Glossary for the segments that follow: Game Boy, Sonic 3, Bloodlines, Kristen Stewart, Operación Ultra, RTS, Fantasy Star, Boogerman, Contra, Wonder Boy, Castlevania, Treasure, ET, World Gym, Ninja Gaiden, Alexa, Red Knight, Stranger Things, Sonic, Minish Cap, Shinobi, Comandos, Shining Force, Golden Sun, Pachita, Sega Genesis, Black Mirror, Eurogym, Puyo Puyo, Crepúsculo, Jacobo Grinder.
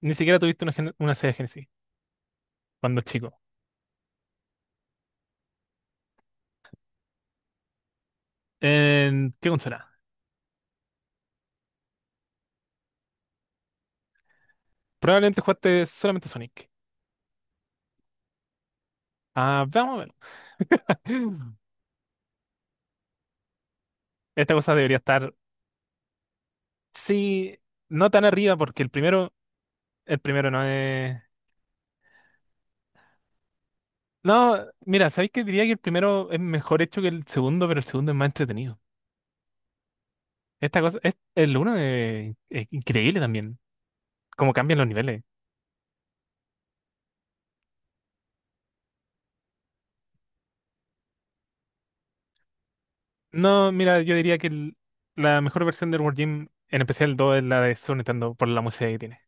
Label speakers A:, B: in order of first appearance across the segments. A: Ni siquiera tuviste una, una Sega Genesis cuando chico. ¿En qué consola? Probablemente jugaste solamente Sonic. Ah, vamos a ver. Esta cosa debería estar, sí, no tan arriba porque el primero no es... No, mira, ¿sabéis que diría que el primero es mejor hecho que el segundo, pero el segundo es más entretenido? Esta cosa, el uno es increíble también, cómo cambian los niveles. No, mira, yo diría que la mejor versión del World Gym, en especial el 2, es la de Super Nintendo por la música que tiene.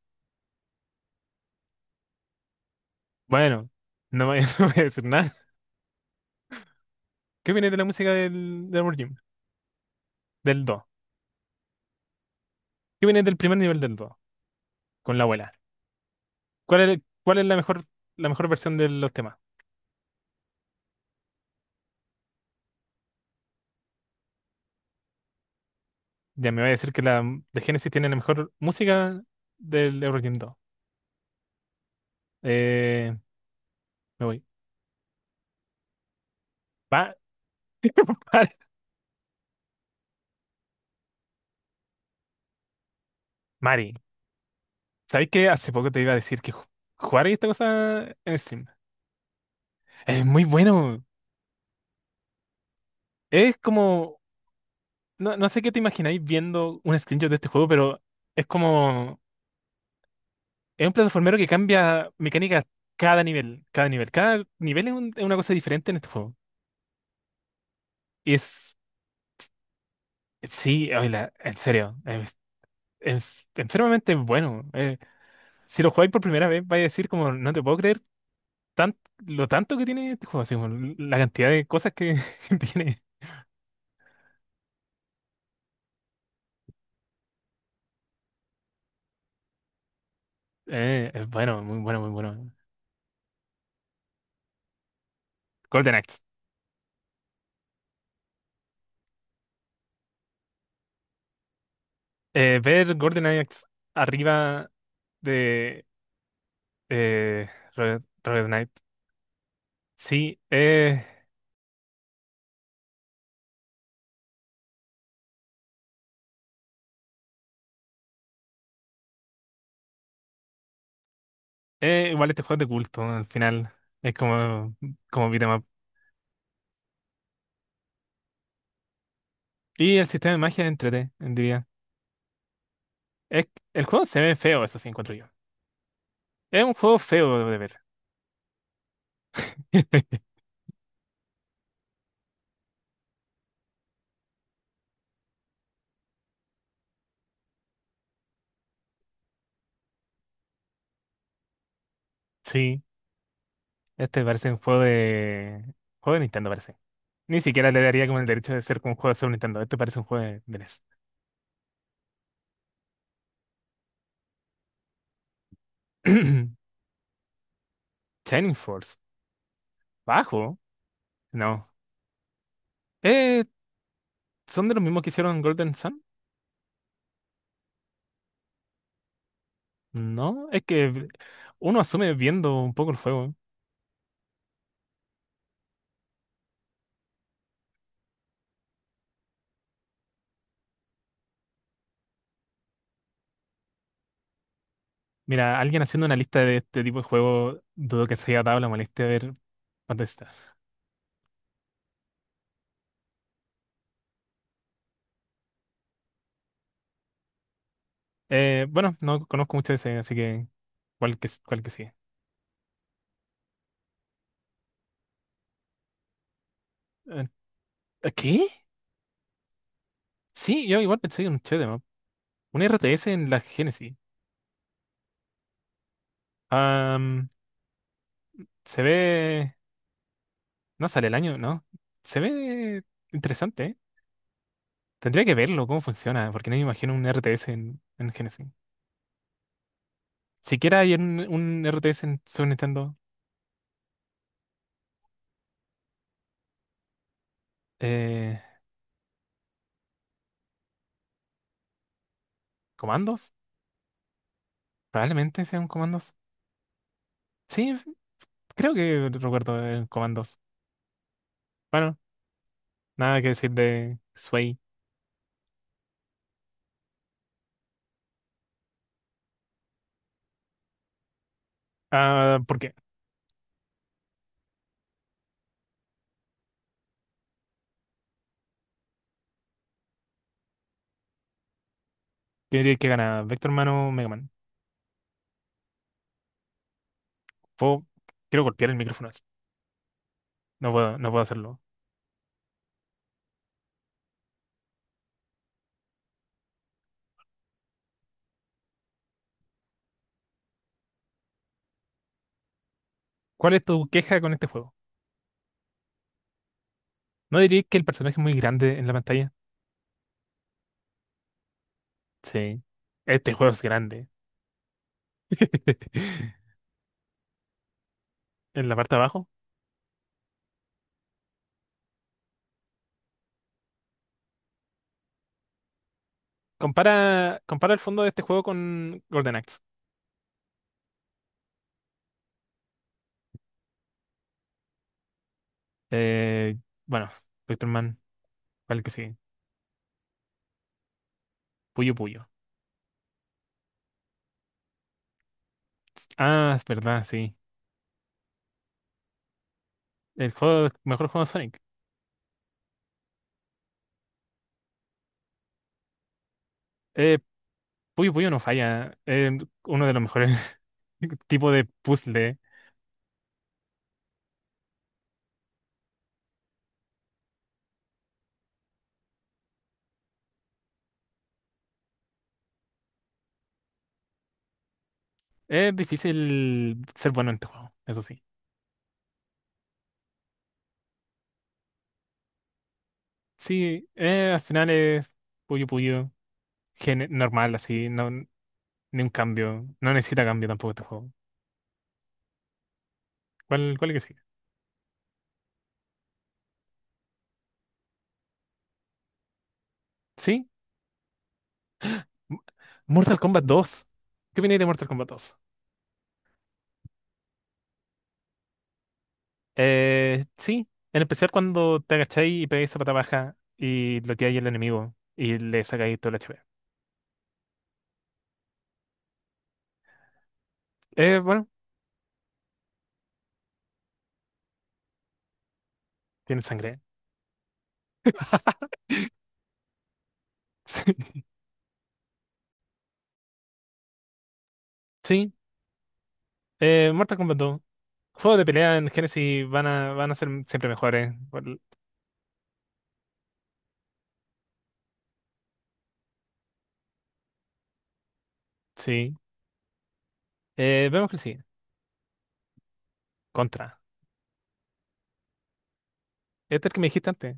A: Bueno, no voy, no voy a decir nada. ¿Qué viene de la música del Amor Jim? Del Do. ¿Qué viene del primer nivel del Do? Con la abuela. ¿Cuál es la mejor versión de los temas? Ya me va a decir que la de Genesis tiene la mejor música del Eurogym 2. Eh, Me voy. Va, Mari, ¿sabéis que hace poco te iba a decir que jugar esta cosa en stream? Es muy bueno. Es como. No, no sé qué te imagináis viendo un screenshot de este juego, pero es como. Es un plataformero que cambia mecánicas cada nivel, cada nivel. Cada nivel es una cosa diferente en este juego. Y es, sí, oíla, en serio, es enfermamente bueno. Si lo jugáis por primera vez, vais a decir como, no te puedo creer tan, lo tanto que tiene este juego, así como la cantidad de cosas que, que tiene. Es bueno, muy bueno, muy bueno. Golden Axe. Ver Golden Axe arriba de eh, Red Knight. Sí, igual este juego es de culto, al final. Es como beat 'em up. Y el sistema de magia es diría. Es, el juego se ve feo, eso sí, encuentro yo. Es un juego feo de ver. Sí, este parece juego de Nintendo, parece. Ni siquiera le daría como el derecho de ser como un juego de Super Nintendo. Este parece un juego de NES. Shining Force. ¿Bajo? No. Eh, ¿Son de los mismos que hicieron Golden Sun? No, es que uno asume viendo un poco el juego. Mira, alguien haciendo una lista de este tipo de juego, dudo que se haya dado la molestia de ver cuántas están. Bueno, no conozco mucho de ese, así que cuál que sigue. Eh, ¿Qué? Sí, yo igual pensé en un shoot'em up. Un RTS en la Genesis. Am, Se ve. No sale el año, ¿no? Se ve interesante, ¿eh? Tendría que verlo, cómo funciona, porque no me imagino un RTS en Genesis. Siquiera hay un RTS en Super Nintendo. Eh, ¿Comandos? Probablemente sean comandos. Sí, creo que recuerdo el Comandos. Bueno, nada que decir de Sway. Ah, ¿por qué? ¿Qué diría que gana? ¿Vector Man o Mega Man? Puedo- Quiero golpear el micrófono así. No puedo hacerlo. ¿Cuál es tu queja con este juego? ¿No dirías que el personaje es muy grande en la pantalla? Sí. Este juego es grande. En la parte de abajo. Compara el fondo de este juego con Golden Axe. Eh, bueno, Vector Man, ¿cuál que sigue? Puyo Puyo. Ah, es verdad, sí. Mejor juego de Sonic. Eh, Puyo Puyo no falla. Es uno de los mejores tipos de puzzle. Es difícil ser bueno en este juego, eso sí. Sí, al final es Puyo Puyo normal, así, no, ni un cambio. No necesita cambio tampoco este juego. ¿Cuál es que sigue? Sí, M- Mortal Kombat 2. ¿Qué viene de Mortal Kombat 2? Sí, en especial cuando te agacháis y pegáis esa pata baja y bloqueáis al enemigo y le sacáis todo el HP. Bueno, tiene sangre. Sí. Mortal Kombat 2. Juegos de pelea en Genesis van a ser siempre mejores. Sí. Vemos que sí. Contra. Este es el que me dijiste antes.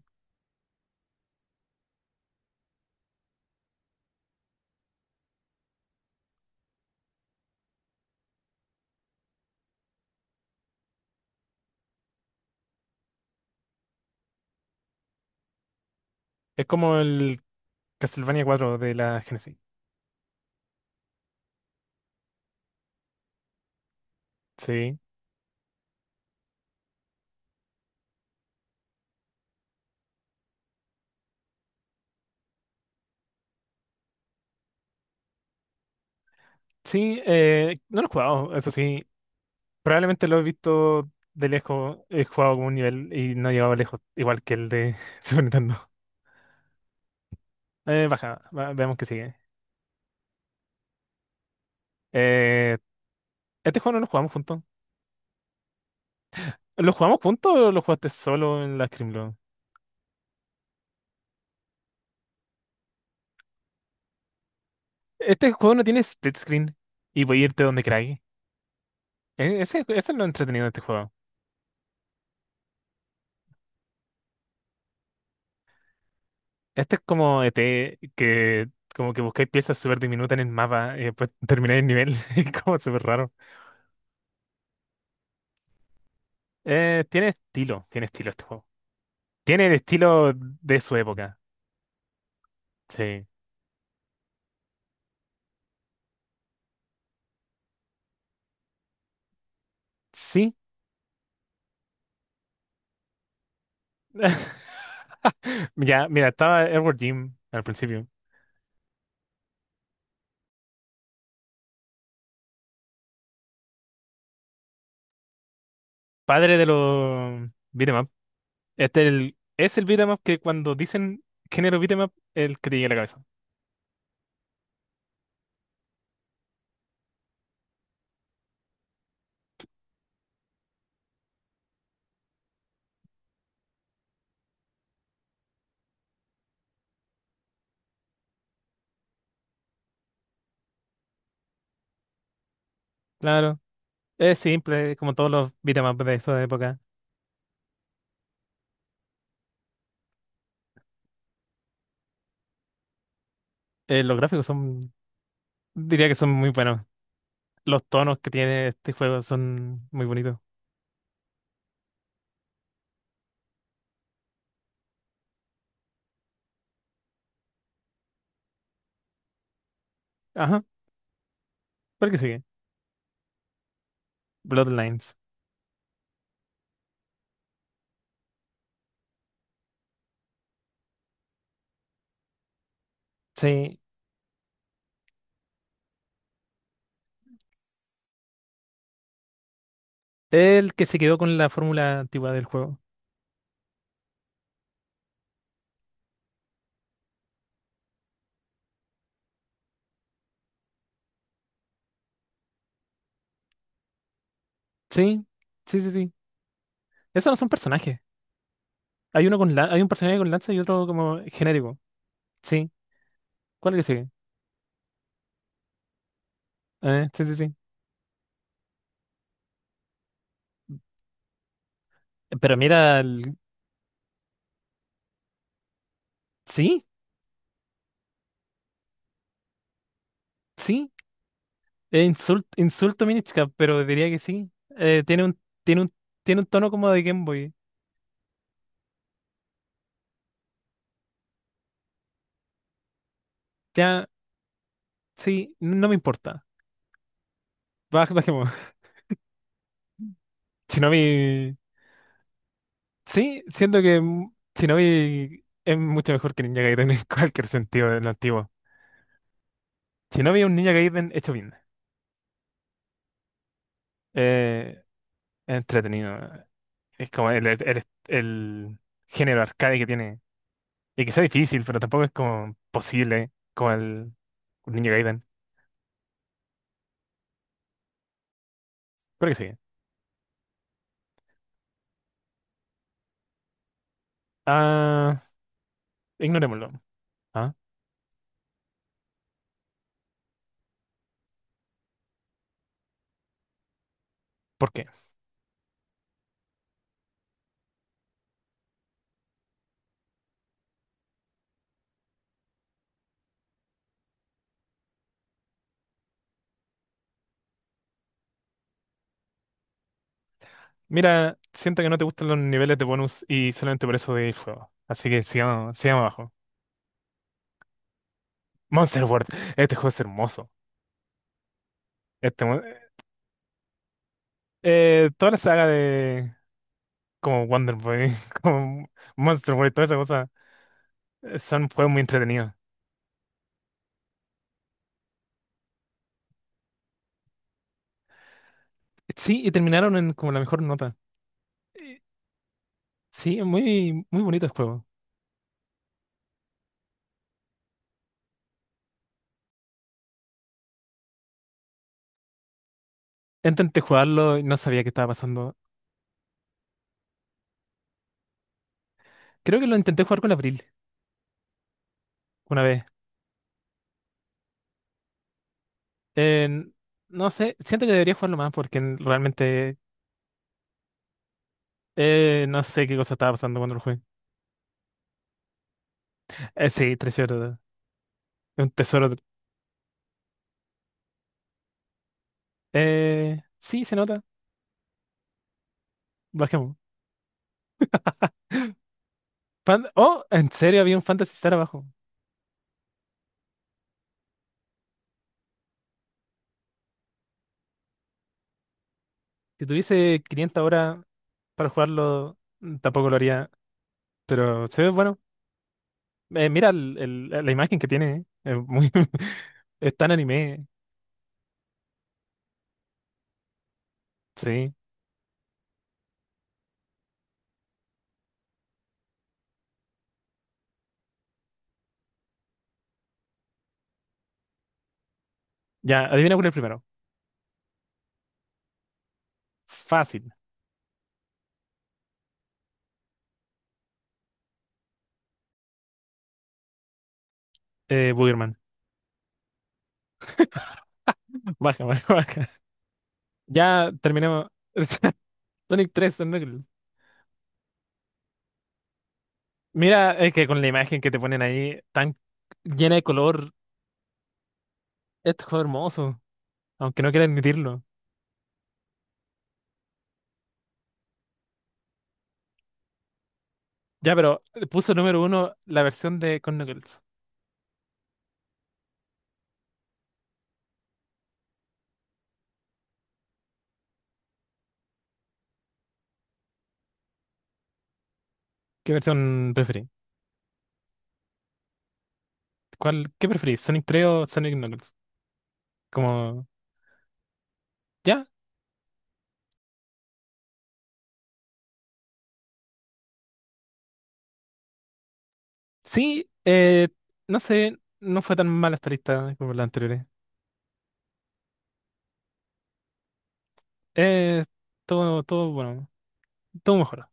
A: Es como el Castlevania 4 de la Genesis. Sí. Sí, no lo he jugado, eso sí. Probablemente lo he visto de lejos. He jugado como un nivel y no he llegado lejos, igual que el de Super Nintendo. Baja, veamos que sigue. Eh, este juego no lo jugamos juntos. ¿Lo jugamos juntos o lo jugaste solo en la Scrimlo? Este juego no tiene split screen y voy a irte donde queráis. Eso es lo entretenido de este juego. Este es como ET, que como que buscáis piezas súper diminutas en el mapa y después termináis el nivel. Es como súper raro. Tiene estilo, tiene estilo este juego. Tiene el estilo de su época. Sí. Sí. Ya, mira, estaba Edward Jim al principio. Padre de los beat'em up. Este es el beat'em up que cuando dicen género beat'em up, el que te llega a la cabeza. Claro. Es simple, como todos los beatemaps de esa época. Los gráficos son, diría que son muy buenos. Los tonos que tiene este juego son muy bonitos. Ajá, ¿por qué sigue? Bloodlines. Sí, el que se quedó con la fórmula antigua del juego. Sí, sí, sí, sí. Esos no son personajes. Hay uno hay un personaje con lanza y otro como genérico. Sí, ¿cuál es el que sigue? Sí, sí, sí. Pero mira, sí, sí. Insulto Minish Cap, pero diría que sí. Eh, tiene un, tiene un tiene un tono como de Game Boy. Ya, sí, no me importa. Bajemos. Shinobi. Sí, siento que Shinobi es mucho mejor que Ninja Gaiden en cualquier sentido del antiguo. Shinobi es un Ninja Gaiden hecho bien. Eh, es entretenido. Es como el género arcade que tiene. Y que sea difícil, pero tampoco es como posible como el Ninja Gaiden. Creo que sí. Ah, ignorémoslo. ¿Ah? ¿Por qué? Mira, siento que no te gustan los niveles de bonus y solamente por eso de el juego. Así que sigamos, sigamos abajo. Monster World, este juego es hermoso. Este, mon- toda la saga de como Wonder Boy, como Monster World, toda esa cosa, son juegos muy entretenidos. Sí, y terminaron en como la mejor nota. Eh, Sí, es muy, muy bonito el juego. Intenté jugarlo y no sabía qué estaba pasando. Creo que lo intenté jugar con Abril una vez. En- no sé, siento que debería jugarlo más porque realmente No sé qué cosa estaba pasando cuando lo jugué. Sí, Treasure. Es un tesoro. Sí, se nota. Bajemos. Oh, en serio, había un Fantasy Star abajo. Si tuviese 500 horas para jugarlo, tampoco lo haría. Pero se ve bueno. Mira la imagen que tiene. Es muy, es tan anime. Sí. Ya, adivina cuál es el primero. Fácil. Boogerman. Baja, baja, baja. Ya terminemos. Sonic 3, Sonic. Mira, es que con la imagen que te ponen ahí, tan llena de color, esto es hermoso, aunque no quiera admitirlo. Ya, pero puso número 1 la versión de con Knuckles. ¿Qué versión preferís? ¿Qué preferís? ¿Sonic 3 o Sonic Knuckles? Como, ya, sí, no sé, no fue tan mala esta lista como las anteriores. Eh, todo, todo, bueno, todo mejor.